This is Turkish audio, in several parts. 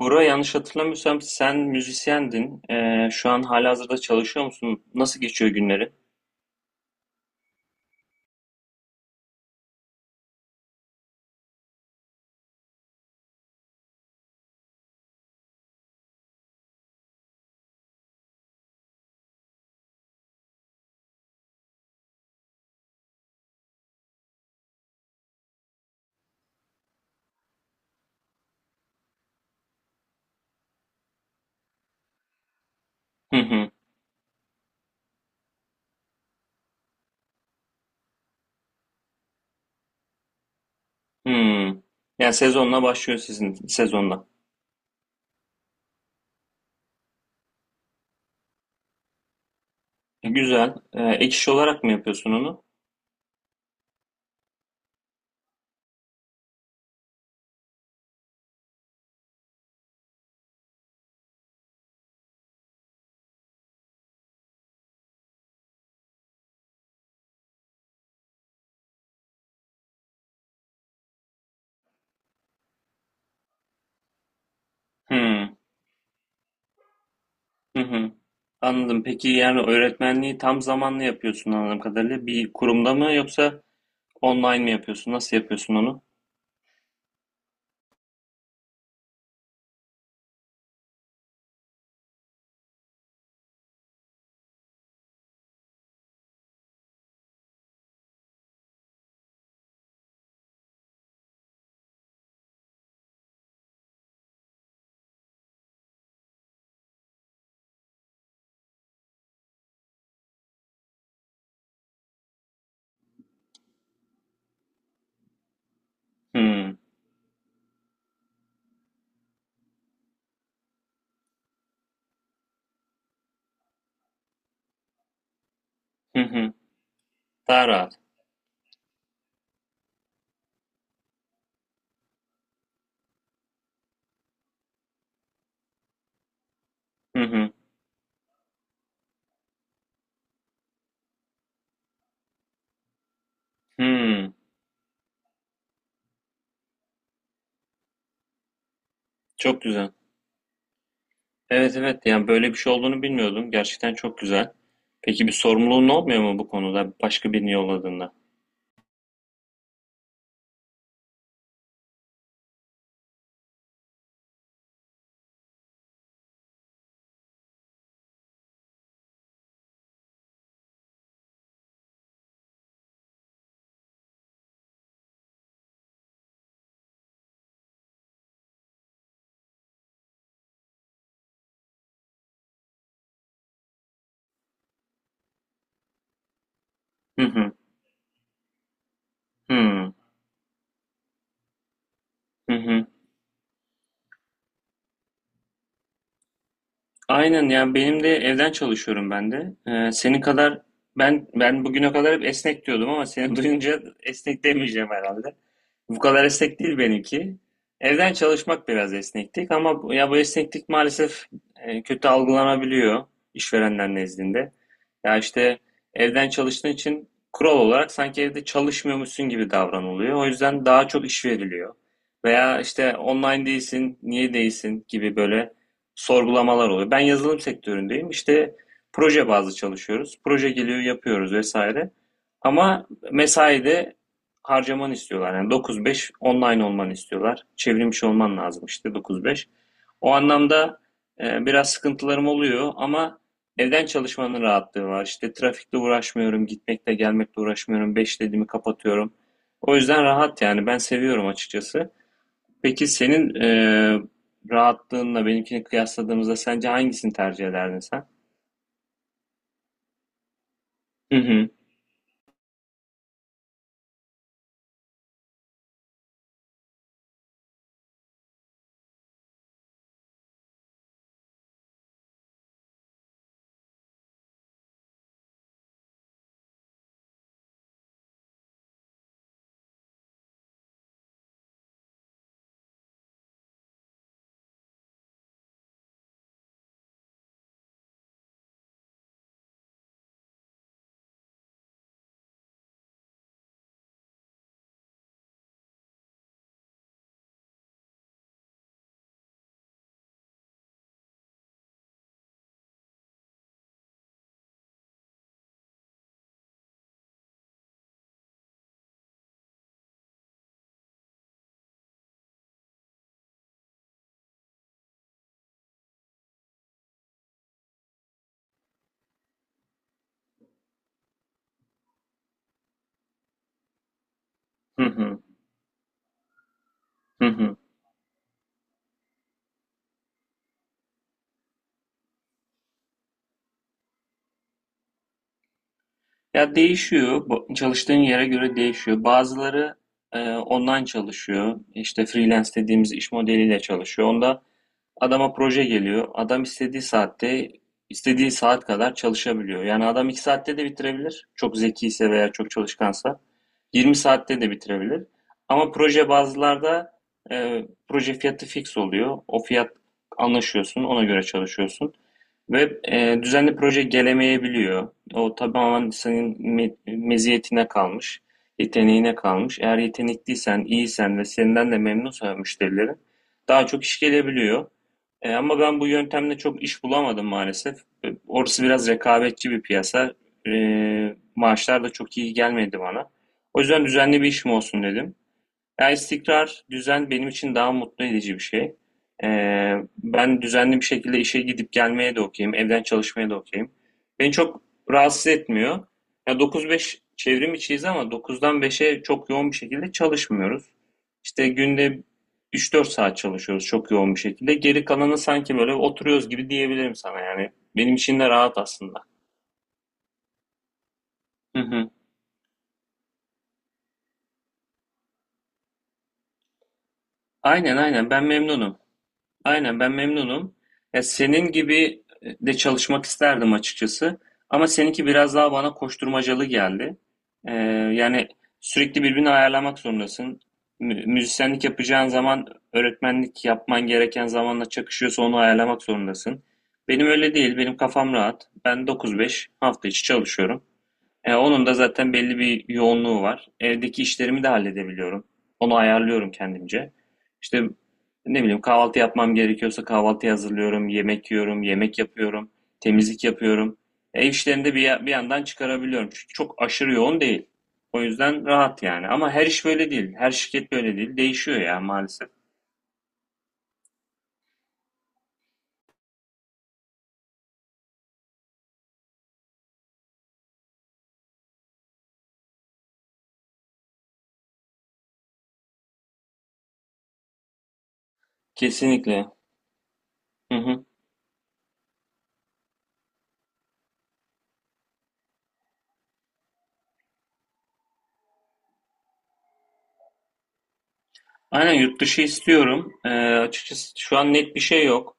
Bora yanlış hatırlamıyorsam sen müzisyendin. Şu an halihazırda çalışıyor musun? Nasıl geçiyor günleri? Hı hı. Hmm. Yani sezonla başlıyor sizin sezonla. Güzel. Ek iş olarak mı yapıyorsun onu? Hmm. Hı hı. Anladım. Peki yani öğretmenliği tam zamanlı yapıyorsun anladığım kadarıyla. Bir kurumda mı yoksa online mi yapıyorsun? Nasıl yapıyorsun onu? Hmm. Hı hı. Daha rahat. Hı hı. Hmm. Çok güzel. Evet, evet, yani böyle bir şey olduğunu bilmiyordum. Gerçekten çok güzel. Peki bir sorumluluğun olmuyor mu bu konuda başka birini yolladığında? Hı hı. Hı hı. Hı. Aynen, yani benim de evden çalışıyorum ben de. Senin kadar ben bugüne kadar hep esnek diyordum ama seni duyunca esnek demeyeceğim herhalde. Bu kadar esnek değil benimki. Evden çalışmak biraz esneklik ama ya bu esneklik maalesef kötü algılanabiliyor işverenler nezdinde. Ya işte evden çalıştığın için kural olarak sanki evde çalışmıyormuşsun gibi davranılıyor. O yüzden daha çok iş veriliyor. Veya işte online değilsin, niye değilsin gibi böyle sorgulamalar oluyor. Ben yazılım sektöründeyim. İşte proje bazlı çalışıyoruz. Proje geliyor, yapıyoruz vesaire. Ama mesaide harcamanı istiyorlar. Yani 9-5 online olmanı istiyorlar. Çevrilmiş olman lazım işte 9-5. O anlamda biraz sıkıntılarım oluyor ama evden çalışmanın rahatlığı var. İşte trafikle uğraşmıyorum, gitmekle gelmekle uğraşmıyorum. 5 dediğimi kapatıyorum. O yüzden rahat yani, ben seviyorum açıkçası. Peki senin rahatlığınla benimkini kıyasladığımızda sence hangisini tercih ederdin sen? Hı hı. Hı hı. Hı hı. Ya değişiyor. Çalıştığın yere göre değişiyor. Bazıları online çalışıyor. İşte freelance dediğimiz iş modeliyle çalışıyor. Onda adama proje geliyor. Adam istediği saatte, istediği saat kadar çalışabiliyor. Yani adam 2 saatte de bitirebilir. Çok zekiyse veya çok çalışkansa. 20 saatte de bitirebilir. Ama proje bazılarda e, proje fiyatı fix oluyor. O fiyat anlaşıyorsun, ona göre çalışıyorsun. Ve düzenli proje gelemeyebiliyor. O tamamen senin meziyetine kalmış, yeteneğine kalmış. Eğer yetenekliysen, iyisen ve senden de memnunsa müşterilerin daha çok iş gelebiliyor. Ama ben bu yöntemle çok iş bulamadım maalesef. Orası biraz rekabetçi bir piyasa. E, maaşlar da çok iyi gelmedi bana. O yüzden düzenli bir işim olsun dedim. Ya istikrar, düzen benim için daha mutlu edici bir şey. Ee, ben düzenli bir şekilde işe gidip gelmeye de okeyim, evden çalışmaya da okeyim. Beni çok rahatsız etmiyor. Ya 9-5 çevrim içiyiz ama 9'dan 5'e çok yoğun bir şekilde çalışmıyoruz. İşte günde 3-4 saat çalışıyoruz çok yoğun bir şekilde. Geri kalanı sanki böyle oturuyoruz gibi diyebilirim sana yani. Benim için de rahat aslında. Hı hı. Aynen, aynen, ben memnunum. Aynen, ben memnunum. Ya senin gibi de çalışmak isterdim açıkçası. Ama seninki biraz daha bana koşturmacalı geldi. Ee, yani sürekli birbirini ayarlamak zorundasın. Müzisyenlik yapacağın zaman öğretmenlik yapman gereken zamanla çakışıyorsa onu ayarlamak zorundasın. Benim öyle değil. Benim kafam rahat. Ben 9-5 hafta içi çalışıyorum. Onun da zaten belli bir yoğunluğu var. Evdeki işlerimi de halledebiliyorum. Onu ayarlıyorum kendimce. İşte ne bileyim kahvaltı yapmam gerekiyorsa kahvaltı hazırlıyorum, yemek yiyorum, yemek yapıyorum, temizlik yapıyorum. Ev işlerini de bir, bir yandan çıkarabiliyorum. Çünkü çok aşırı yoğun değil. O yüzden rahat yani. Ama her iş böyle değil. Her şirket böyle değil. Değişiyor ya maalesef. Kesinlikle. Hı hı. Aynen, yurt dışı istiyorum. Açıkçası şu an net bir şey yok.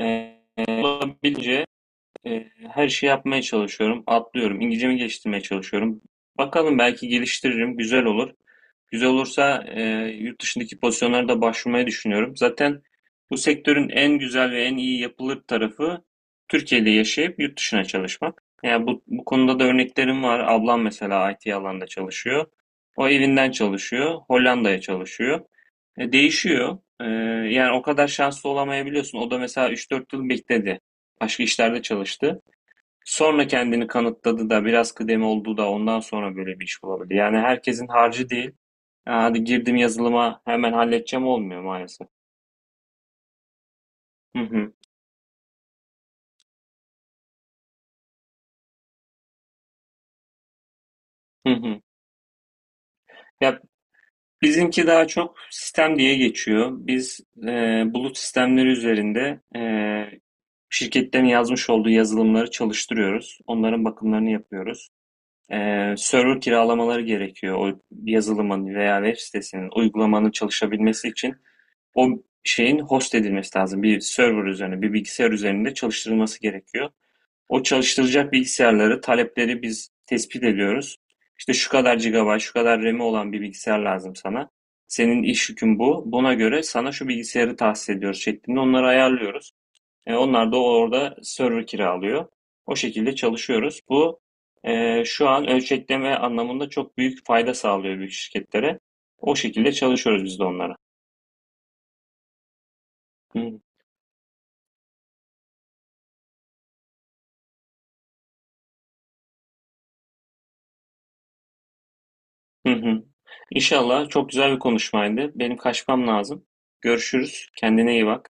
E, olabildiğince Ee, her şeyi yapmaya çalışıyorum. Atlıyorum. İngilizcemi geliştirmeye çalışıyorum. Bakalım belki geliştiririm. Güzel olur. Güzel olursa yurt dışındaki pozisyonlara da başvurmayı düşünüyorum. Zaten bu sektörün en güzel ve en iyi yapılır tarafı Türkiye'de yaşayıp yurt dışına çalışmak. Yani bu konuda da örneklerim var. Ablam mesela IT alanında çalışıyor. O evinden çalışıyor. Hollanda'ya çalışıyor. Değişiyor. Yani o kadar şanslı olamayabiliyorsun. O da mesela 3-4 yıl bekledi. Başka işlerde çalıştı. Sonra kendini kanıtladı da biraz kıdemi oldu da ondan sonra böyle bir iş bulabildi. Yani herkesin harcı değil. "Ya hadi girdim yazılıma hemen halledeceğim" olmuyor maalesef. Hı hı, hı hı. Ya bizimki daha çok sistem diye geçiyor. Biz e, bulut sistemleri üzerinde şirketlerin yazmış olduğu yazılımları çalıştırıyoruz. Onların bakımlarını yapıyoruz. E, server kiralamaları gerekiyor o yazılımın veya web sitesinin uygulamanın çalışabilmesi için. O şeyin host edilmesi lazım. Bir server üzerine, bir bilgisayar üzerinde çalıştırılması gerekiyor. O çalıştıracak bilgisayarları, talepleri biz tespit ediyoruz. İşte şu kadar GB, şu kadar ramı olan bir bilgisayar lazım sana. Senin iş yükün bu. Buna göre sana şu bilgisayarı tahsis ediyoruz şeklinde onları ayarlıyoruz. Onlar da orada server kiralıyor. O şekilde çalışıyoruz. Bu şu an ölçekleme anlamında çok büyük fayda sağlıyor büyük şirketlere. O şekilde çalışıyoruz biz de onlara. Hı. Hı hı. İnşallah çok güzel bir konuşmaydı. Benim kaçmam lazım. Görüşürüz. Kendine iyi bak.